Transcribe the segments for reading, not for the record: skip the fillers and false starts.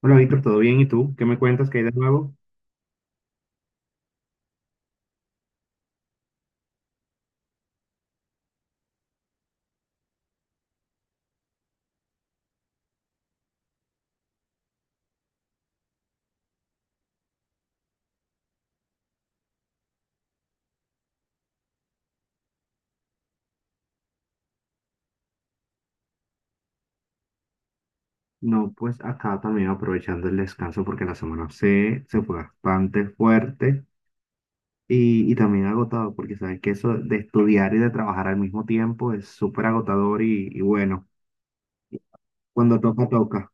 Hola Víctor, ¿todo bien? ¿Y tú? ¿Qué me cuentas? ¿Qué hay de nuevo? No, pues acá también aprovechando el descanso porque la semana se fue bastante fuerte y también agotado porque sabes que eso de estudiar y de trabajar al mismo tiempo es súper agotador y bueno, cuando toca, toca.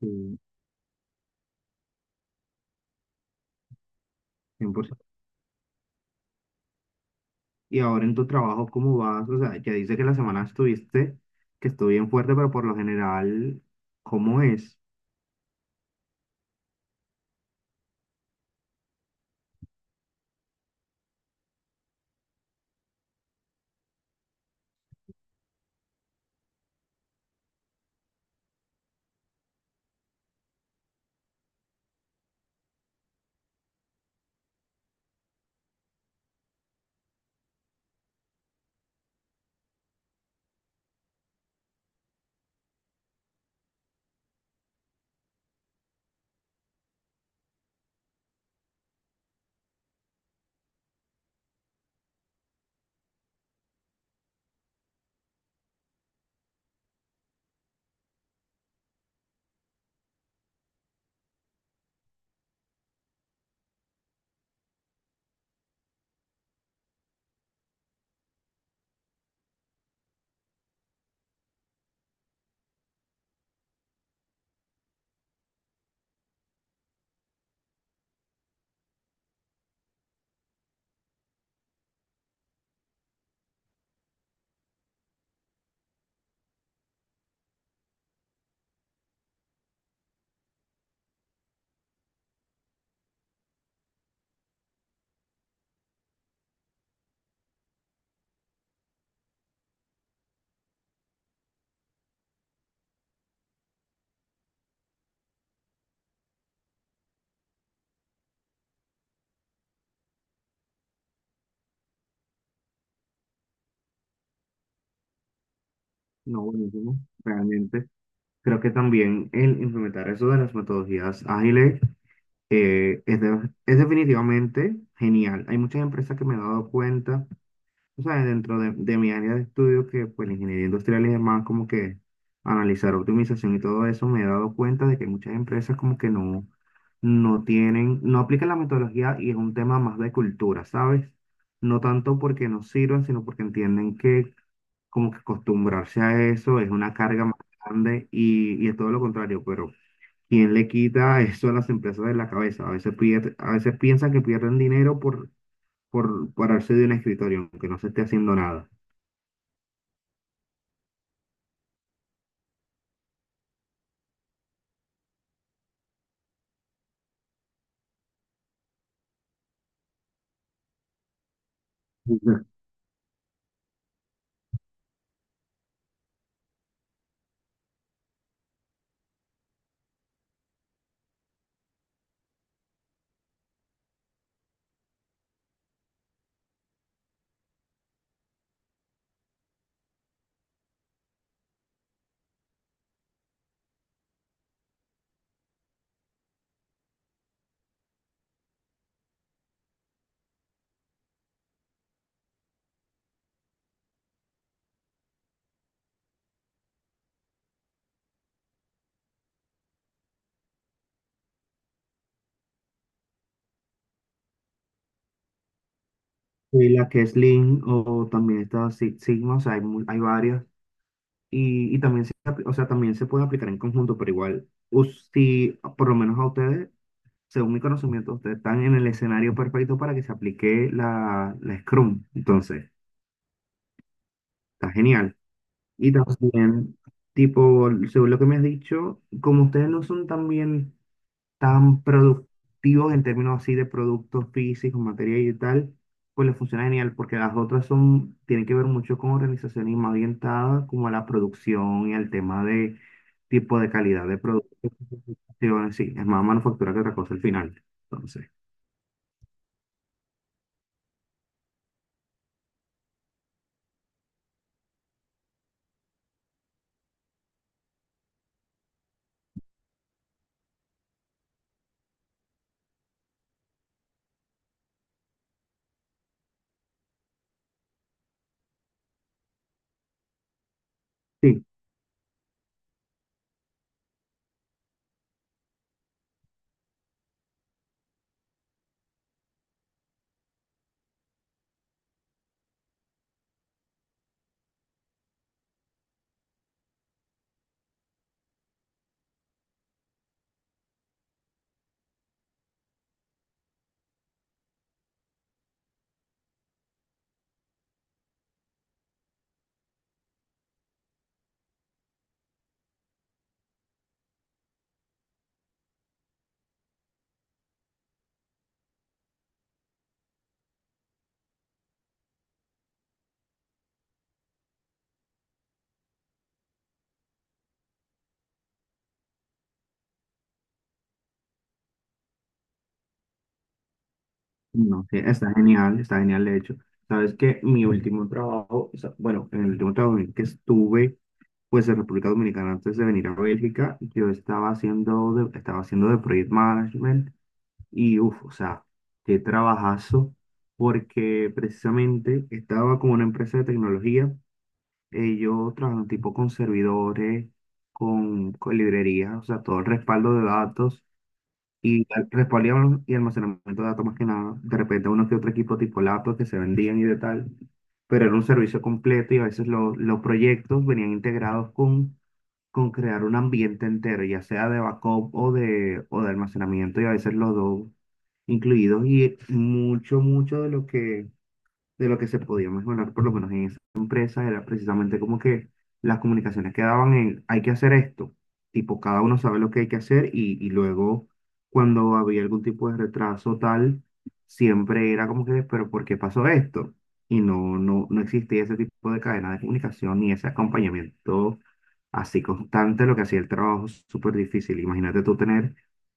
Sí, 100%. Y ahora en tu trabajo, ¿cómo vas? O sea, ya dice que la semana estuviste, que estuvo bien fuerte, pero por lo general, ¿cómo es? No, buenísimo, realmente. Creo que también el implementar eso de las metodologías ágiles es definitivamente genial. Hay muchas empresas que me he dado cuenta, o sea, dentro de mi área de estudio, que pues la ingeniería industrial y demás, como que analizar optimización y todo eso, me he dado cuenta de que muchas empresas como que no, no tienen, no aplican la metodología y es un tema más de cultura, ¿sabes? No tanto porque no sirvan, sino porque entienden que como que acostumbrarse a eso es una carga más grande y es todo lo contrario, pero ¿quién le quita eso a las empresas de la cabeza? A veces piensan que pierden dinero por pararse de un escritorio, aunque no se esté haciendo nada. Ujú. Y la que es Lean o también está Six Sigma, o sea, hay, hay varias. Y también o sea, también se puede aplicar en conjunto, pero igual, si por lo menos a ustedes, según mi conocimiento, ustedes están en el escenario perfecto para que se aplique la Scrum. Entonces, está genial. Y también, tipo, según lo que me has dicho, como ustedes no son también tan productivos en términos así de productos físicos, materia y tal, pues les funciona genial porque las otras son, tienen que ver mucho con organizaciones más orientadas como a la producción y al tema de tipo de calidad de productos. Sí, bueno, sí, es más manufactura que otra cosa al final. Entonces. Sí. No, sí, está genial de hecho. Sabes que mi último trabajo, o sea, bueno, en el último trabajo en el que estuve, pues en República Dominicana antes de venir a Bélgica, yo estaba haciendo estaba haciendo de project management y uff, o sea, qué trabajazo, porque precisamente estaba con una empresa de tecnología, ellos trabajan tipo con servidores, con librerías, o sea, todo el respaldo de datos. Respaldo y almacenamiento de datos más que nada. De repente uno que otro equipo tipo laptops que se vendían y de tal. Pero era un servicio completo y a veces los proyectos venían integrados con crear un ambiente entero, ya sea de backup o de almacenamiento y a veces los dos incluidos. Y mucho, mucho de lo que se podía mejorar, por lo menos en esa empresa, era precisamente como que las comunicaciones quedaban en, hay que hacer esto, tipo, cada uno sabe lo que hay que hacer y luego cuando había algún tipo de retraso tal, siempre era como que, pero ¿por qué pasó esto? Y no, no, no existía ese tipo de cadena de comunicación ni ese acompañamiento así constante, lo que hacía el trabajo súper difícil. Imagínate tú tener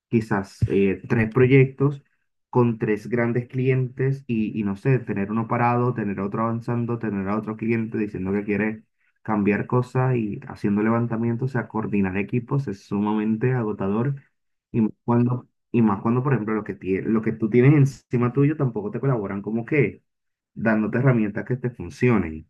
quizás tres proyectos con tres grandes clientes y no sé, tener uno parado, tener otro avanzando, tener a otro cliente diciendo que quiere cambiar cosas y haciendo levantamientos, o sea, coordinar equipos es sumamente agotador y más cuando por ejemplo, lo que tú tienes encima tuyo tampoco te colaboran como que dándote herramientas que te funcionen.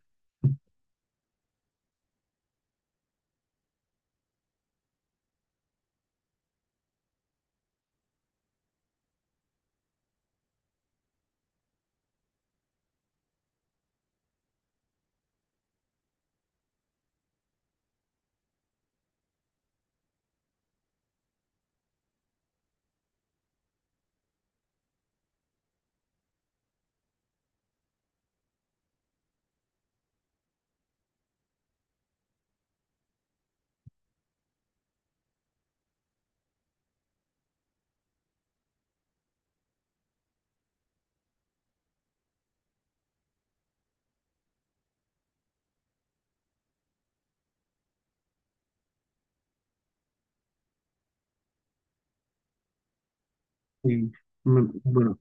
Sí. Me- bueno,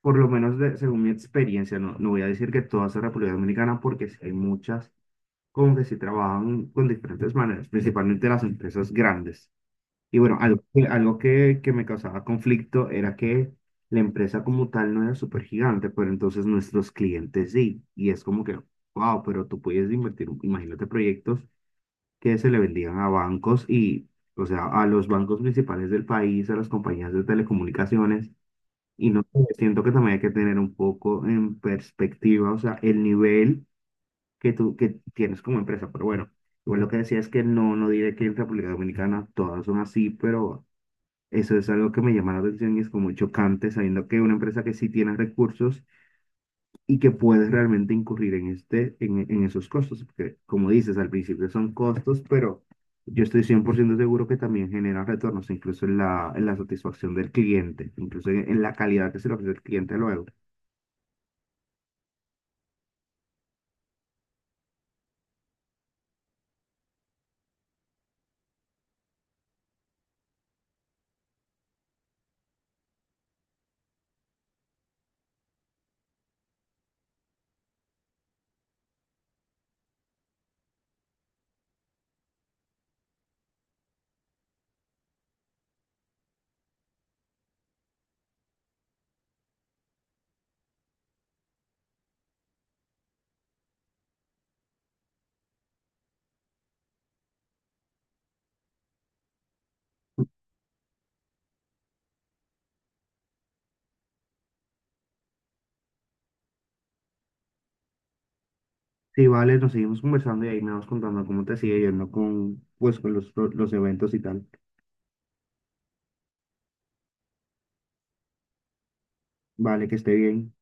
por lo menos según mi experiencia, no, no voy a decir que todas en República Dominicana porque sí hay muchas como que sí trabajan con diferentes maneras, principalmente las empresas grandes. Y bueno, algo que me causaba conflicto era que la empresa como tal no era súper gigante, pero entonces nuestros clientes sí. Y es como que, wow, pero tú puedes invertir, imagínate proyectos que se le vendían a bancos y, o sea, a los bancos principales del país, a las compañías de telecomunicaciones. Y no sé, siento que también hay que tener un poco en perspectiva, o sea, el nivel que tienes como empresa. Pero bueno, igual lo que decía es que no, no diré que en República Dominicana todas son así, pero eso es algo que me llama la atención y es como chocante sabiendo que una empresa que sí tiene recursos y que puedes realmente incurrir en, este, en esos costos, porque como dices, al principio son costos, pero... Yo estoy 100% seguro que también genera retornos, incluso en en la satisfacción del cliente, incluso en la calidad que se le ofrece al cliente luego. Sí, vale, nos seguimos conversando y ahí me vas contando cómo te sigue yendo con, pues, con los eventos y tal. Vale, que esté bien.